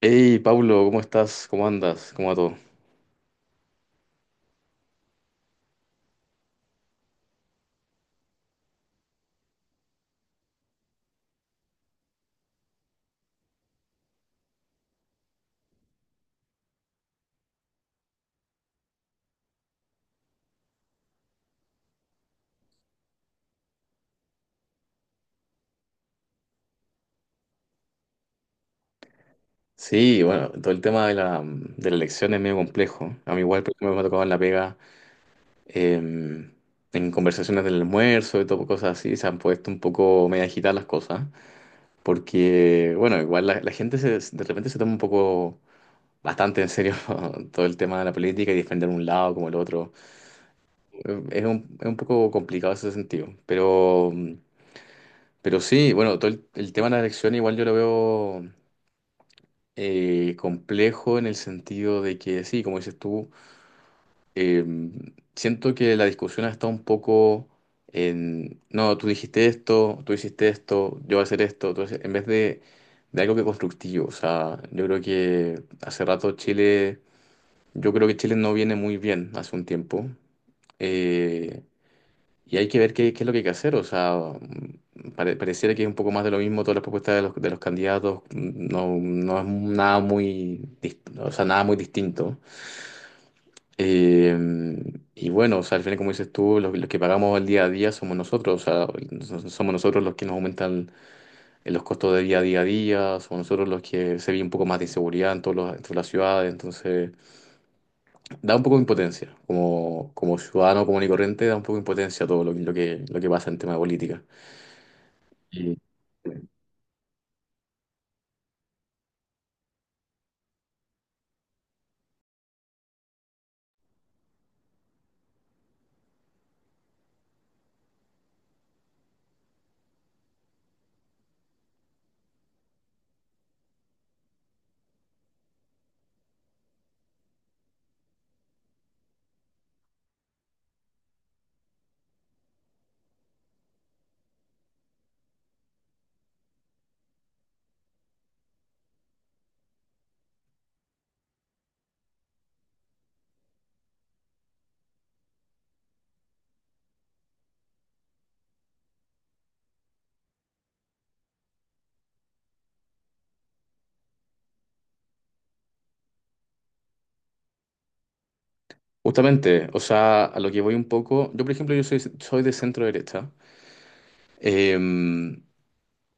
Hey, Pablo, ¿cómo estás? ¿Cómo andas? ¿Cómo va todo? Sí, bueno, todo el tema de la elección es medio complejo. A mí igual porque me ha tocado en la pega, eh, en conversaciones del almuerzo y todo, pues, cosas así, se han puesto un poco medio agitadas las cosas, porque, bueno, igual la de repente se toma un poco bastante en serio todo el tema de la política y defender un lado como el otro. Es un poco complicado ese sentido, pero sí, bueno, todo el tema de la elección igual yo lo veo, complejo en el sentido de que, sí, como dices tú, eh, siento que la discusión está un poco en, no, tú dijiste esto, tú hiciste esto, yo voy a hacer esto, entonces, en vez de algo que constructivo, o sea, yo creo que hace rato Chile, yo creo que Chile no viene muy bien hace un tiempo. Eh, y hay que ver qué es lo que hay que hacer. O sea, pareciera que es un poco más de lo mismo todas las propuestas de de los candidatos. No es nada muy, nada muy distinto. Eh, y bueno, o sea, al final, como dices tú, los que pagamos el día a día somos nosotros. O sea, somos nosotros los que nos aumentan los costos de vida día a día. Somos nosotros los que se ve un poco más de inseguridad en, en todas las ciudades. Entonces, da un poco de impotencia. Como ciudadano común y corriente, da un poco de impotencia todo lo que, lo que pasa en tema de política. Y Justamente, o sea, a lo que voy un poco, yo por ejemplo, yo soy de centro derecha, em,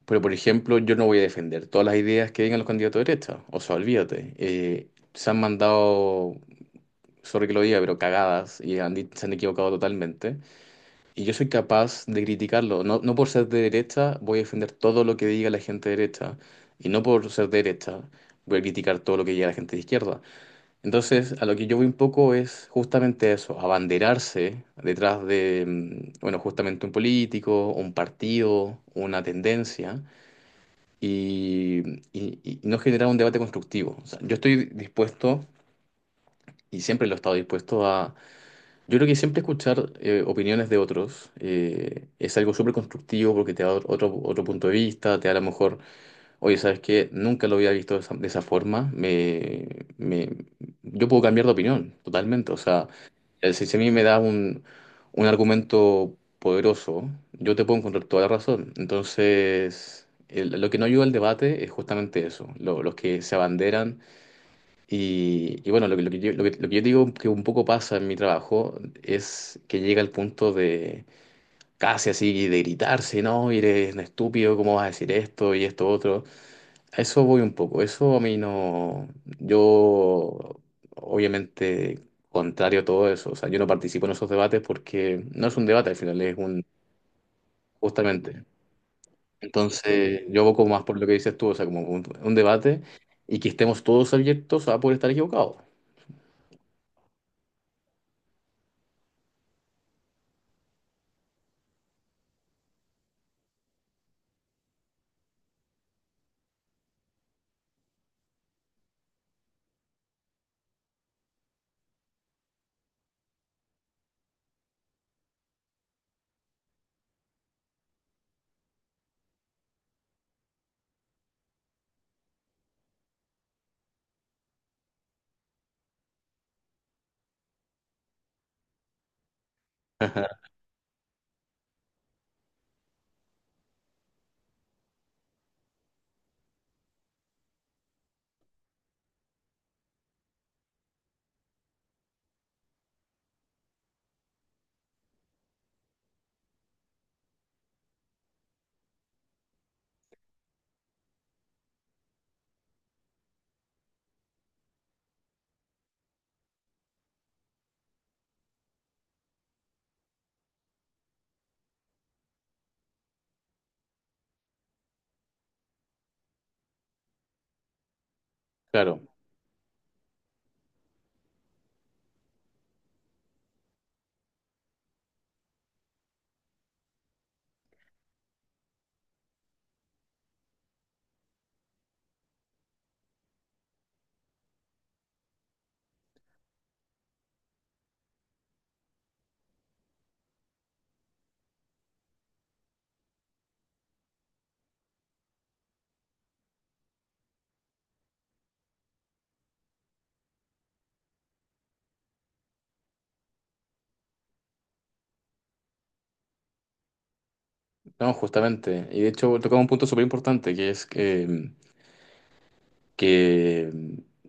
pero por ejemplo, yo no voy a defender todas las ideas que digan los candidatos de derecha, o sea, olvídate, se han mandado, sorry que lo diga, pero cagadas y se han equivocado totalmente, y yo soy capaz de criticarlo, no, no por ser de derecha voy a defender todo lo que diga la gente de derecha, y no por ser de derecha voy a criticar todo lo que diga la gente de izquierda. Entonces, a lo que yo voy un poco es justamente eso, abanderarse detrás de, bueno, justamente un político, un partido, una tendencia, y, y no generar un debate constructivo. O sea, yo estoy dispuesto, y siempre lo he estado dispuesto a, yo creo que siempre escuchar opiniones de otros, es algo súper constructivo porque te da otro punto de vista, te da a lo mejor. Oye, ¿sabes qué? Nunca lo había visto de esa forma. Me- yo puedo cambiar de opinión totalmente. O sea, si a mí me da un argumento poderoso, yo te puedo encontrar toda la razón. Entonces, lo que no ayuda al debate es justamente eso, los que se abanderan. Y bueno, lo que yo digo que un poco pasa en mi trabajo es que llega al punto de casi así de gritarse, ¿no? Y eres un estúpido, ¿cómo vas a decir esto y esto otro? A eso voy un poco. Eso a mí no. Yo, obviamente, contrario a todo eso. O sea, yo no participo en esos debates porque no es un debate al final, es un. Justamente. Entonces, yo abogo más por lo que dices tú, o sea, como un debate y que estemos todos abiertos a poder estar equivocados. Ajá. Claro, no, justamente. Y de hecho, tocaba un punto súper importante, que es que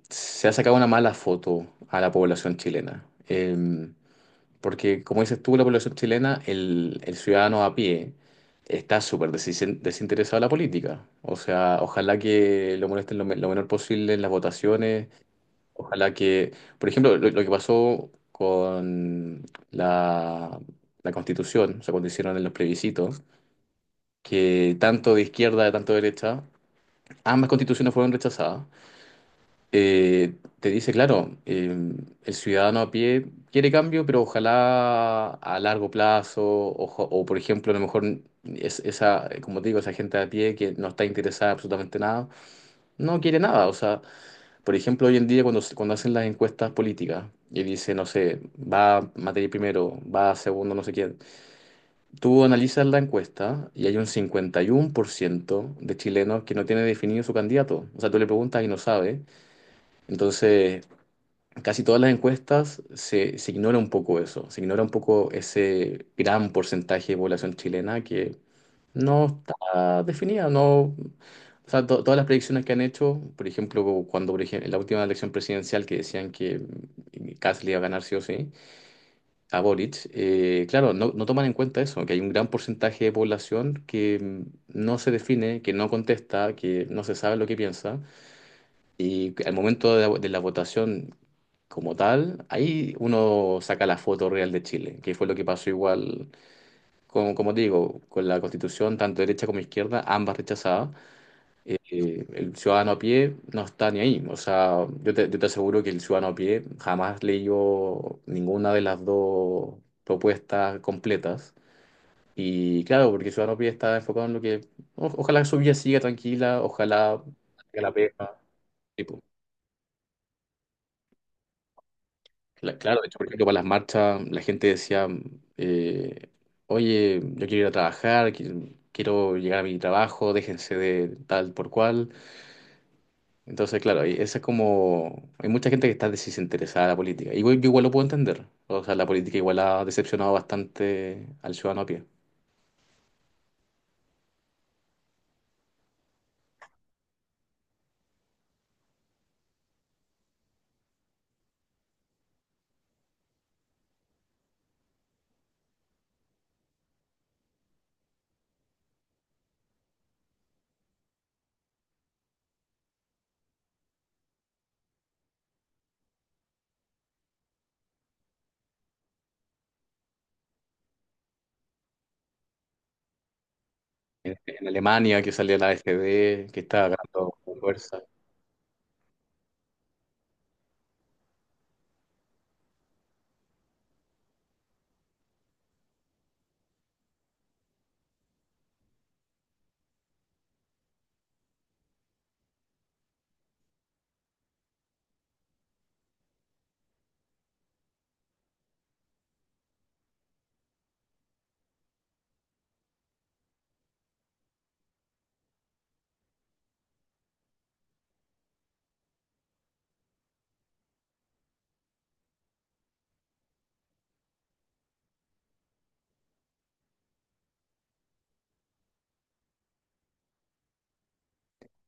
se ha sacado una mala foto a la población chilena. Porque, como dices tú, la población chilena, el ciudadano a pie, está desinteresado de la política. O sea, ojalá que lo molesten lo menor posible en las votaciones. Ojalá que, por ejemplo, lo que pasó con la, la Constitución, o sea, cuando hicieron en los plebiscitos, que tanto de izquierda, tanto de derecha, ambas constituciones fueron rechazadas, te dice, claro, el ciudadano a pie quiere cambio, pero ojalá a largo plazo, por ejemplo, a lo mejor esa, como te digo, esa gente a pie que no está interesada en absolutamente nada, no quiere nada. O sea, por ejemplo, hoy en día cuando hacen las encuestas políticas y dice, no sé, va materia primero, va segundo, no sé quién, tú analizas la encuesta y hay un 51% de chilenos que no tiene definido su candidato. O sea, tú le preguntas y no sabe. Entonces casi todas las encuestas se ignora un poco eso, se ignora un poco ese gran porcentaje de población chilena que no está definida, no, o sea, todas las predicciones que han hecho, por ejemplo, en la última elección presidencial que decían que Kast le iba a ganar sí o sí a Boric, claro, no toman en cuenta eso, que hay un gran porcentaje de población que no se define, que no contesta, que no se sabe lo que piensa. Y al momento de la votación como tal, ahí uno saca la foto real de Chile, que fue lo que pasó igual, con, como te digo, con la constitución, tanto derecha como izquierda, ambas rechazadas. El ciudadano a pie no está ni ahí. O sea, yo te aseguro que el ciudadano a pie jamás leyó ninguna de las dos propuestas completas. Y claro, porque el ciudadano a pie está enfocado en lo que, ojalá su vida siga tranquila, ojalá haga la pega. Claro, de hecho, por ejemplo, para las marchas, la gente decía, eh, oye, yo quiero ir a trabajar, quiero llegar a mi trabajo, déjense de tal por cual. Entonces, claro, y esa es como, hay mucha gente que está desinteresada de la política. Yo igual lo puedo entender. O sea, la política igual ha decepcionado bastante al ciudadano a pie. En Alemania, que salió la AfD, que está ganando fuerza.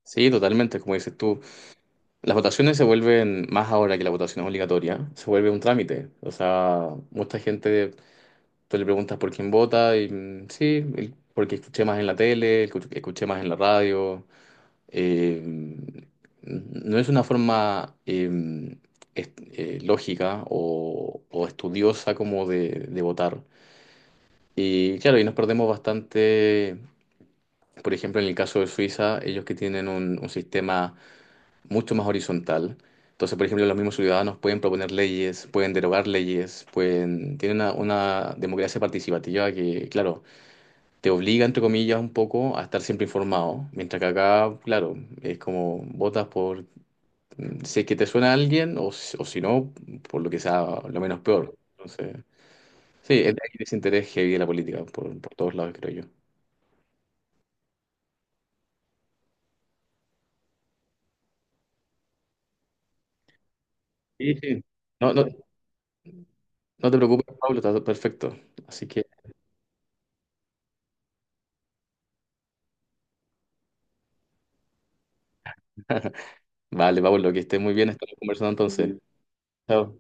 Sí, totalmente, como dices tú. Las votaciones se vuelven, más ahora que la votación es obligatoria, se vuelve un trámite. O sea, mucha gente, tú le preguntas por quién vota y sí, porque escuché más en la tele, escuché más en la radio. Eh, no es una forma lógica o estudiosa como de votar. Y claro, y nos perdemos bastante, por ejemplo, en el caso de Suiza, ellos que tienen un sistema mucho más horizontal. Entonces, por ejemplo, los mismos ciudadanos pueden proponer leyes, pueden derogar leyes, pueden. Tienen una democracia participativa que, claro, te obliga, entre comillas, un poco a estar siempre informado. Mientras que acá, claro, es como votas por, si es que te suena a alguien o si no, por lo que sea lo menos peor. Entonces, sí, es de ahí desinterés heavy de la política, por todos lados, creo yo. Sí, sí. No, no, no te preocupes, Pablo, está todo perfecto. Así que, vale, Pablo, que estés muy bien, estamos conversando entonces. Chao.